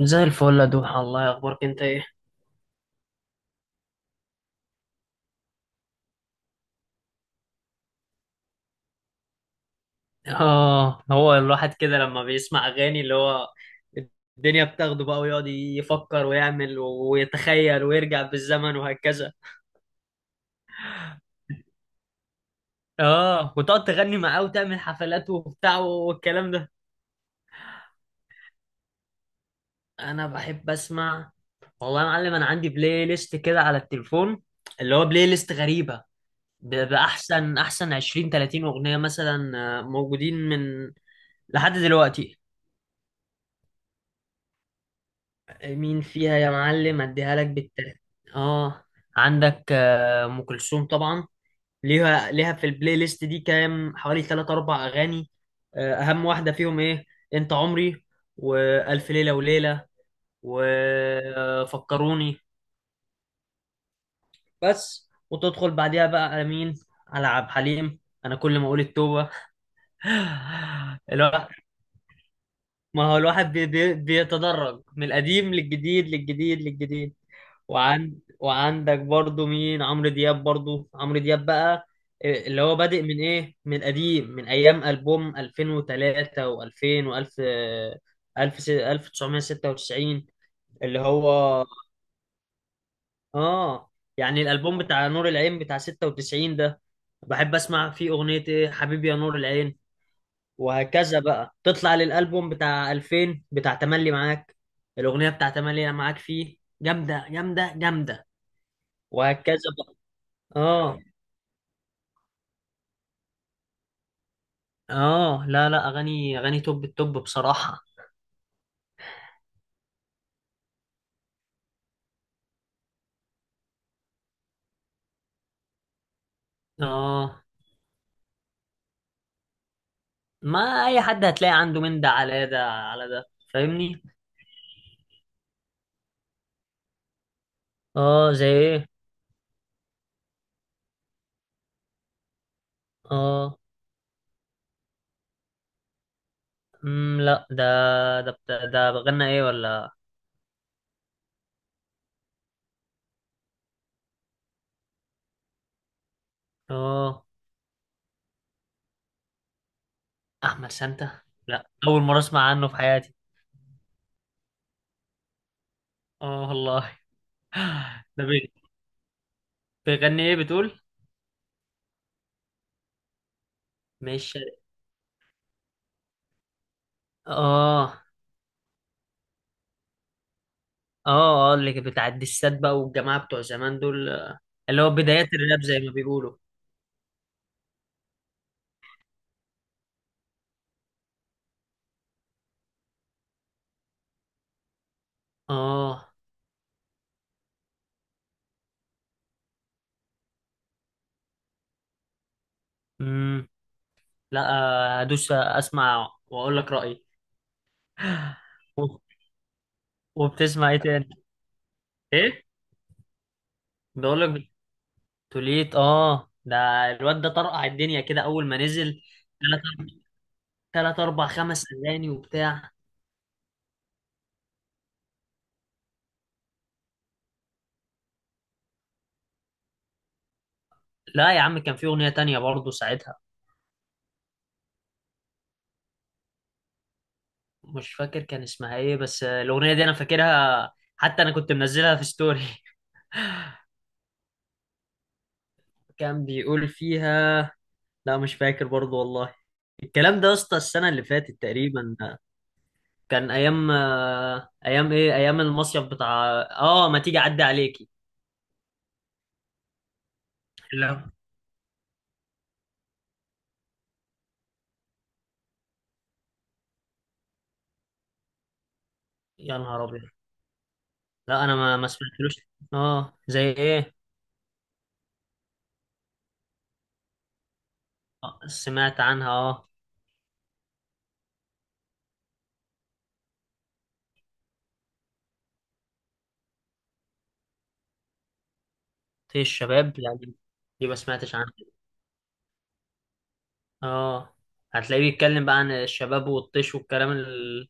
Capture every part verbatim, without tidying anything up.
زي الفل يا دوحة، الله يخبرك. انت ايه؟ اه، هو الواحد كده لما بيسمع اغاني، اللي هو الدنيا بتاخده بقى ويقعد يفكر ويعمل ويتخيل ويرجع بالزمن وهكذا. اه وتقعد تغني معاه وتعمل حفلات وبتاع والكلام ده. انا بحب اسمع. والله يا معلم انا عندي بلاي ليست كده على التليفون، اللي هو بلاي ليست غريبة. ب- بأحسن أحسن عشرين تلاتين أغنية مثلا، آه، موجودين من لحد دلوقتي. مين فيها يا معلم؟ اديها لك بالترتيب. اه، عندك آه، ام كلثوم طبعا. ليها ليها في البلاي ليست دي كام، حوالي ثلاث اربع اغاني. آه، اهم واحده فيهم ايه؟ انت عمري، والف ليله وليله، وفكروني بس. وتدخل بعديها بقى على مين؟ على عبد الحليم. انا كل ما اقول التوبه. الواحد، ما هو الواحد بي بي بيتدرج من القديم للجديد للجديد للجديد. وعند وعندك برضو مين؟ عمرو دياب، برضو عمرو دياب بقى. إيه، اللي هو بادئ من ايه، من قديم، من ايام البوم الفين وتلاتة و2000 و1000 الف الف وتسعمائة وستة وتسعين، اللي هو. اه يعني الالبوم بتاع نور العين بتاع ستة وتسعين ده، بحب اسمع فيه اغنية ايه، حبيبي يا نور العين. وهكذا بقى تطلع للالبوم بتاع الفين بتاع تملي معاك، الاغنية بتاع تملي معاك فيه جامدة جامدة جامدة. وهكذا بقى. اه اه، لا لا، اغاني اغاني توب التوب بصراحة. اه، ما اي حد هتلاقي عنده من ده على ده على ده، فاهمني؟ اه، زي ايه؟ اه، امم لا، ده ده بت- ده غنى ايه ولا؟ اه، احمد سانتا؟ لا، اول مرة اسمع عنه في حياتي. اه والله. ده بي- بيغني ايه بتقول؟ مش شرقي. اه اه اه، اللي بتاع الدسات بقى، والجماعة بتوع زمان دول، آه، اللي هو بدايات الراب زي ما بيقولوا. اه لا، آه، ادوس اسمع واقول لك رايي. و- وبتسمع ايه تاني؟ ايه؟ بقول لك، توليت اه ده. الواد ده طرقع الدنيا كده اول ما نزل. ثلاث ثلاث، اربع، خمس اغاني وبتاع. لا يا عم، كان في اغنيه تانية برضه ساعتها. مش فاكر كان اسمها ايه، بس آه، الاغنيه دي انا فاكرها، حتى انا كنت منزلها في ستوري. كان بيقول فيها. لا مش فاكر برضه والله. الكلام ده يا اسطى السنه اللي فاتت تقريبا، كان ايام آه، ايام ايه ايام المصيف بتاع، اه ما تيجي اعدي عليكي. لا، يا نهار ابيض. لا، انا ما ما سمعتلوش. اه، زي ايه؟ آه، سمعت عنها اه. في الشباب؟ لا، دي دي ما سمعتش عنها. اه، هتلاقيه بيتكلم بقى عن الشباب والطيش والكلام ال...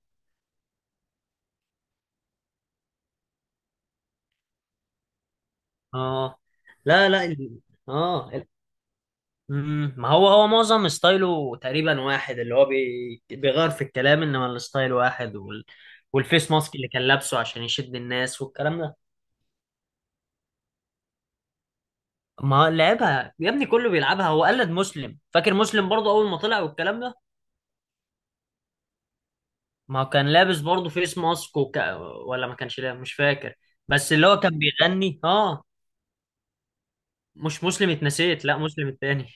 اه لا لا ال... اه ال... مم. ما هو هو معظم ستايله تقريبا واحد، اللي هو بي... بيغير في الكلام، انما الستايل واحد وال... والفيس ماسك اللي كان لابسه عشان يشد الناس والكلام ده. ما لعبها يا ابني، كله بيلعبها. هو قلد مسلم، فاكر مسلم برضه اول ما طلع والكلام ده. ما هو كان لابس برضه فيس ماسك وك... ولا ما كانش لابس، مش فاكر، بس اللي هو كان بيغني اه. مش مسلم، اتنسيت، لا مسلم التاني.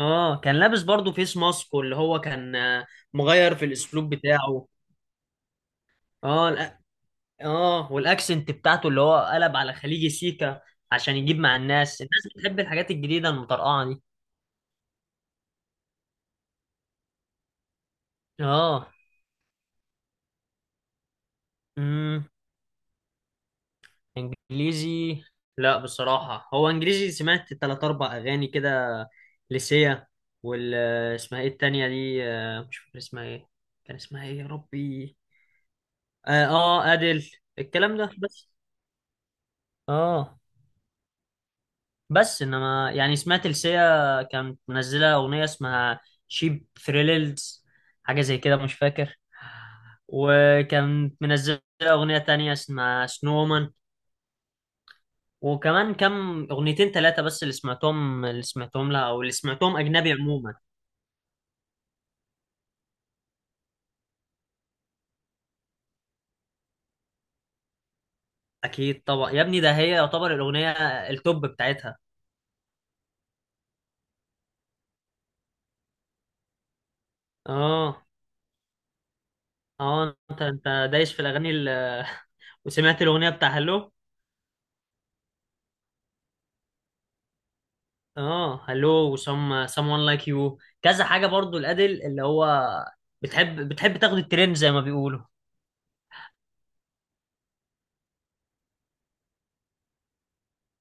اه كان لابس برضه فيس ماسك، واللي هو كان، آه، مغير في الاسلوب بتاعه. اه الأ- اه، والاكسنت بتاعته اللي هو قلب على خليجي سيكا عشان يجيب مع الناس. الناس بتحب الحاجات الجديدة المطرقعة دي. اه، انجليزي؟ لا بصراحة، هو انجليزي سمعت تلات اربع اغاني كده، لسيا، وال اسمها ايه التانية دي؟ آه، مش فاكر اسمها ايه، كان اسمها ايه يا ربي؟ اه, آه ادل. الكلام ده بس. اه بس انما يعني، سمعت لسيا كانت منزلة اغنية اسمها شيب ثريلز، حاجة زي كده مش فاكر، وكانت منزلة اغنية تانية اسمها سنومان، وكمان كم اغنيتين ثلاثه بس اللي سمعتهم، اللي سمعتهم لها، او اللي سمعتهم اجنبي عموما. اكيد طبعا يا ابني، ده هي يعتبر الاغنيه التوب بتاعتها. اه اه، انت انت دايس في الاغاني ال- وسمعت الاغنيه بتاع هلو. اه، هلو وسم someone like you، كذا حاجه برضو الادل، اللي هو بتحب بتحب تاخد الترند زي ما بيقولوا.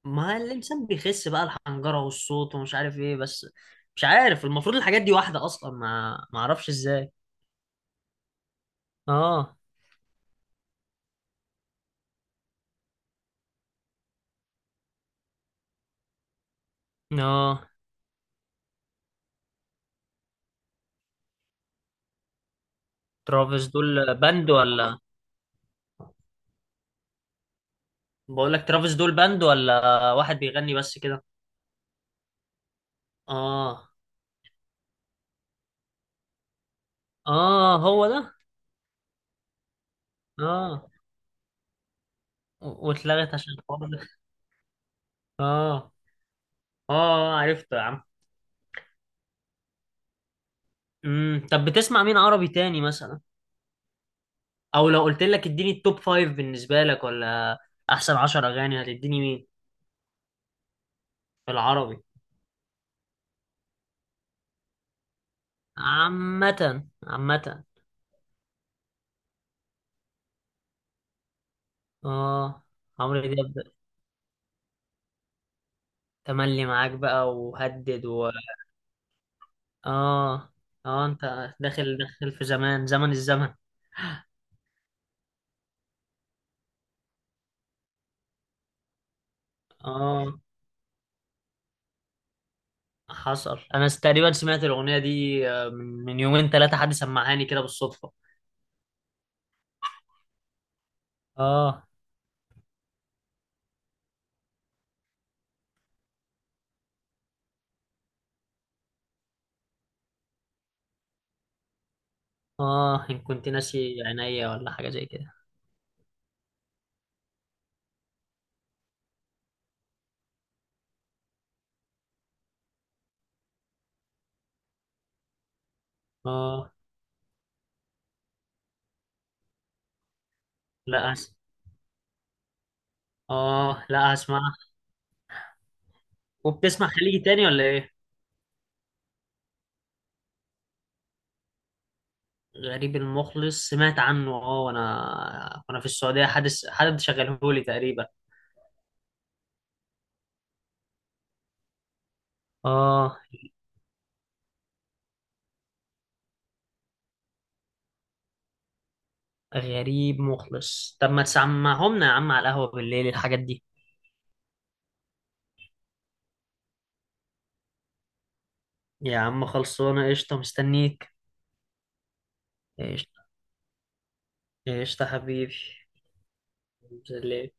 ما الانسان بيخس بقى الحنجره والصوت ومش عارف ايه، بس مش عارف المفروض الحاجات دي واحده اصلا، ما ما اعرفش ازاي. اه اه، ترافيس دول باند ولا؟ بقول لك ترافيس دول باند ولا واحد بيغني بس كده. اه اه، هو ده. اه، و- واتلغت عشان الحوار ده. اه اه، عرفته يا عم. امم طب بتسمع مين عربي تاني مثلا؟ او لو قلت لك اديني التوب فايف بالنسبة لك، ولا احسن عشر اغاني، هتديني مين؟ في العربي. عامة عامة. اه، عمرو دياب، تملي معاك بقى وهدد و اه اه. انت داخل داخل في زمان زمن الزمن. اه حصل. انا س- تقريبا سمعت الاغنيه دي، آه، من من يومين ثلاثه، حد سمعهاني كده بالصدفه. اه اه، ان كنت ناسي عينيا، ولا حاجه زي كده. اه لا هس... اه لا، هسمعها. وبتسمع خليجي تاني ولا ايه؟ غريب المخلص، سمعت عنه اه، وانا وانا في السعوديه حدث حد شغلهولي تقريبا. اه، غريب مخلص. طب ما تسمعهمنا يا عم على القهوه بالليل الحاجات دي. يا عم خلصانه، قشطه، مستنيك. قشطه، قشطه حبيبي. إذن ل.